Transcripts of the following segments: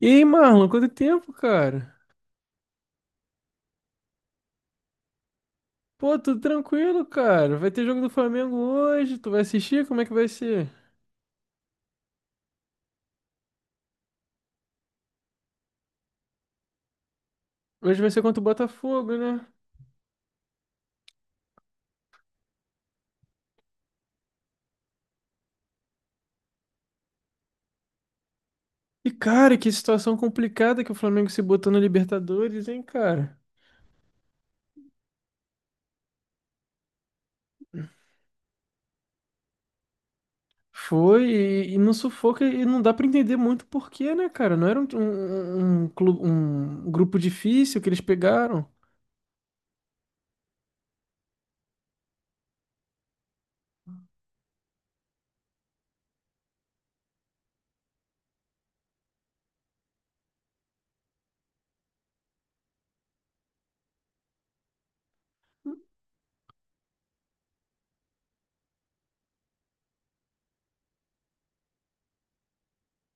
E aí, Marlon, quanto tempo, cara? Pô, tudo tranquilo, cara. Vai ter jogo do Flamengo hoje. Tu vai assistir? Como é que vai ser? Hoje vai ser contra o Botafogo, né? E, cara, que situação complicada que o Flamengo se botou na Libertadores, hein, cara? Foi e, não sufoca e não dá pra entender muito porquê, né, cara? Não era um um grupo difícil que eles pegaram.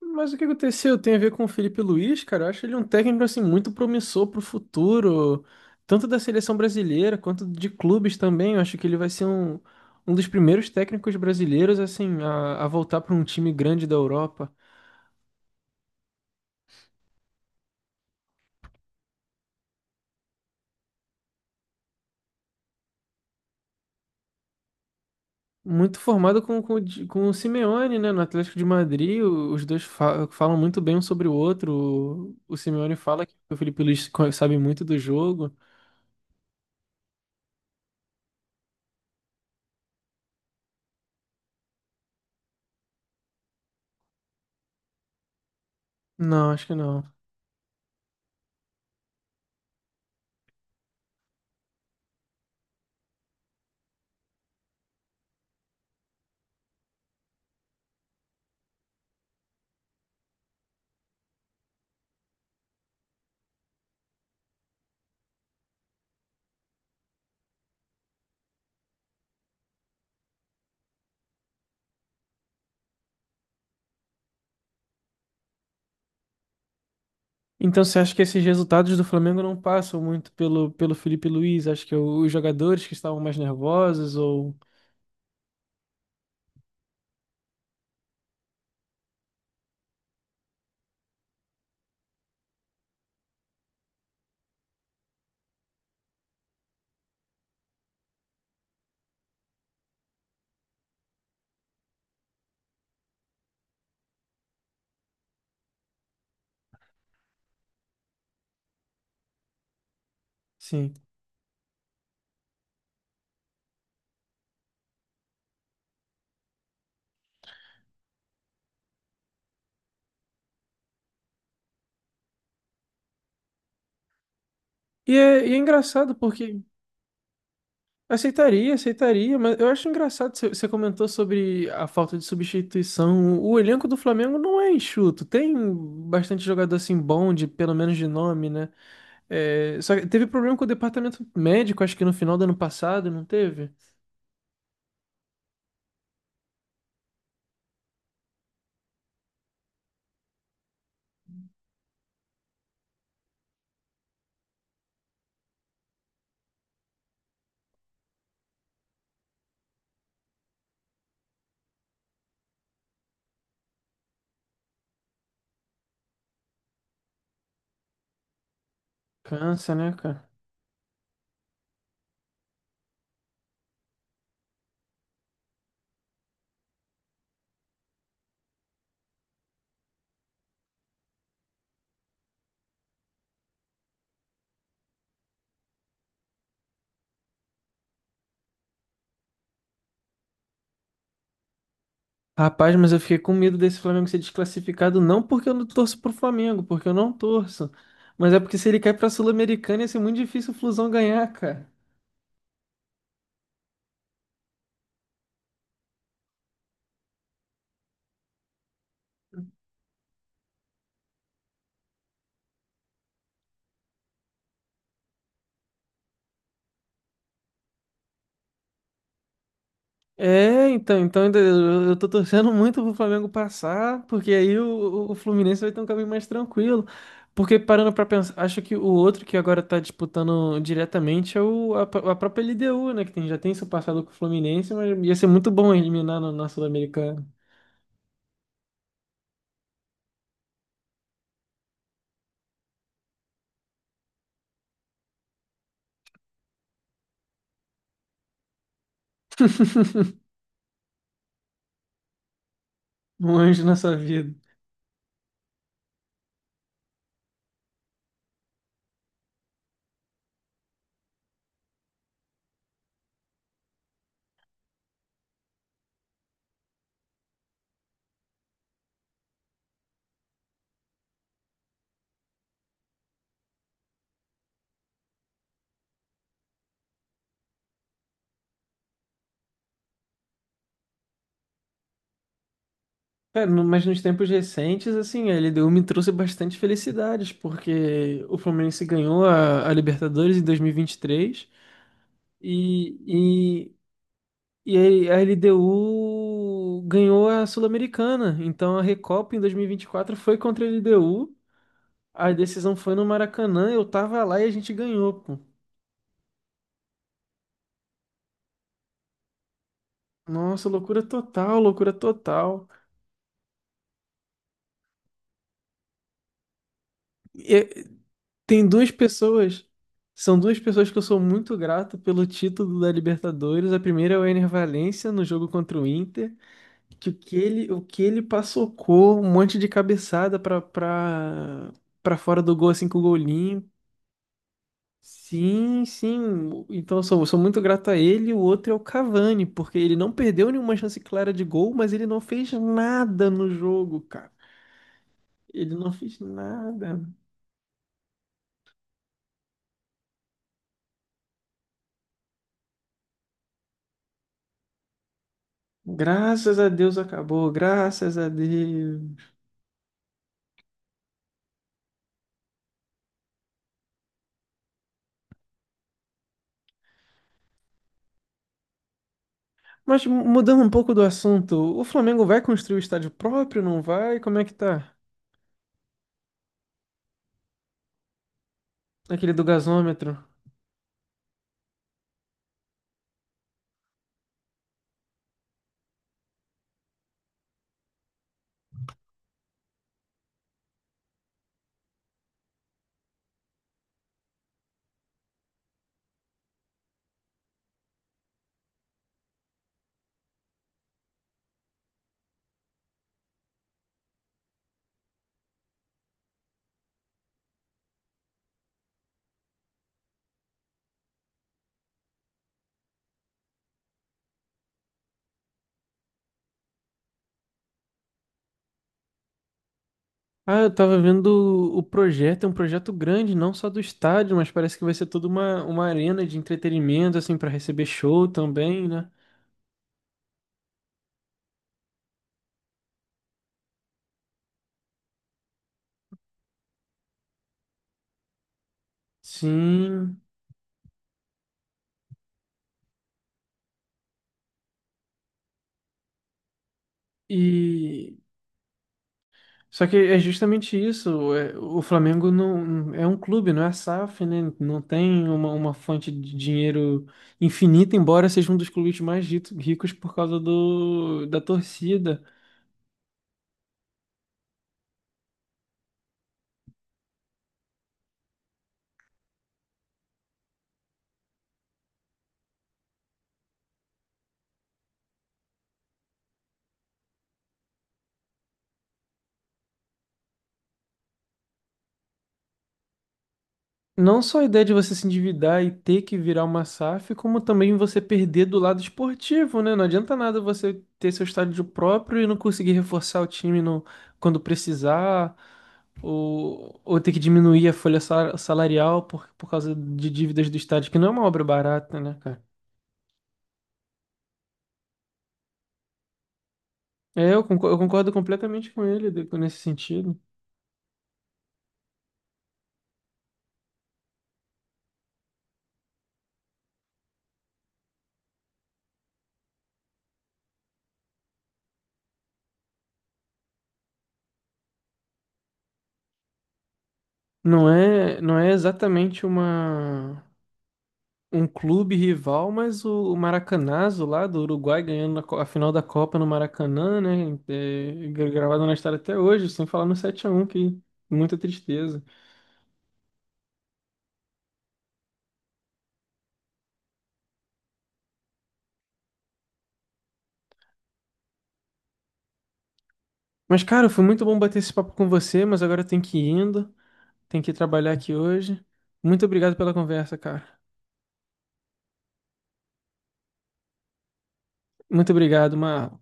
Mas o que aconteceu tem a ver com o Felipe Luiz, cara. Eu acho ele um técnico assim muito promissor pro futuro, tanto da seleção brasileira quanto de clubes também. Eu acho que ele vai ser um dos primeiros técnicos brasileiros assim a voltar para um time grande da Europa. Muito formado com com o Simeone, né, no Atlético de Madrid. Os dois falam muito bem um sobre o outro. O Simeone fala que o Felipe Luiz sabe muito do jogo. Não, acho que não. Então você acha que esses resultados do Flamengo não passam muito pelo Felipe Luiz? Acho que é os jogadores que estavam mais nervosos ou... Sim. E é engraçado porque... Aceitaria, aceitaria, mas eu acho engraçado, você comentou sobre a falta de substituição. O elenco do Flamengo não é enxuto, tem bastante jogador assim bom, de, pelo menos de nome, né? É, só que teve problema com o departamento médico, acho que no final do ano passado, não teve? Cansa, né, cara? Rapaz, mas eu fiquei com medo desse Flamengo ser desclassificado, não porque eu não torço pro Flamengo, porque eu não torço, mas é porque se ele cair pra Sul-Americana ia ser muito difícil o Flusão ganhar, cara. É, então, então ainda eu tô torcendo muito pro Flamengo passar, porque aí o Fluminense vai ter um caminho mais tranquilo. Porque parando pra pensar, acho que o outro que agora tá disputando diretamente é a própria LDU, né? Que tem, já tem seu passado com o Fluminense, mas ia ser muito bom eliminar no, na Sul-Americana. Um anjo na sua vida. É, no- mas nos tempos recentes, assim, a LDU me trouxe bastante felicidades, porque o Fluminense ganhou a Libertadores em 2023 e, vinte e, três e, e a LDU ganhou a Sul-Americana. Então a Recopa em 2024 foi contra a LDU, a decisão foi no Maracanã, eu tava lá e a gente ganhou, pô. Nossa, loucura total, loucura total. Tem duas pessoas. São duas pessoas que eu sou muito grato pelo título da Libertadores. A primeira é o Ener Valencia no jogo contra o Inter, que o que ele passocou, um monte de cabeçada pra, pra, pra fora do gol, assim, com o gol limpo. Sim, sim. Então eu sou muito grato a ele. O outro é o Cavani, porque ele não perdeu nenhuma chance clara de gol, mas ele não fez nada no jogo, cara. Ele não fez nada. Graças a Deus acabou, graças a Deus. Mas mudando um pouco do assunto, o Flamengo vai construir o estádio próprio, não vai? Como é que tá? Aquele do gasômetro. Ah, eu tava vendo o projeto, é um projeto grande, não só do estádio, mas parece que vai ser toda uma arena de entretenimento, assim, pra receber show também, né? Sim. E só que é justamente isso. É, o Flamengo não é um clube, não é SAF, né? Não tem uma fonte de dinheiro infinita, embora seja um dos clubes mais ricos por causa da torcida. Não só a ideia de você se endividar e ter que virar uma SAF, como também você perder do lado esportivo, né? Não adianta nada você ter seu estádio próprio e não conseguir reforçar o time no, quando precisar, ou ter que diminuir a folha salarial por causa de dívidas do estádio, que não é uma obra barata, né, cara? É, eu concordo completamente com ele nesse sentido. Não é, não é exatamente uma um clube rival, mas o Maracanazo lá do Uruguai ganhando na a final da Copa no Maracanã, né? É, gravado na história até hoje, sem falar no 7 a 1 que muita tristeza. Mas, cara, foi muito bom bater esse papo com você, mas agora eu tenho que ir indo, tenho que trabalhar aqui hoje. Muito obrigado pela conversa, cara. Muito obrigado, Mar.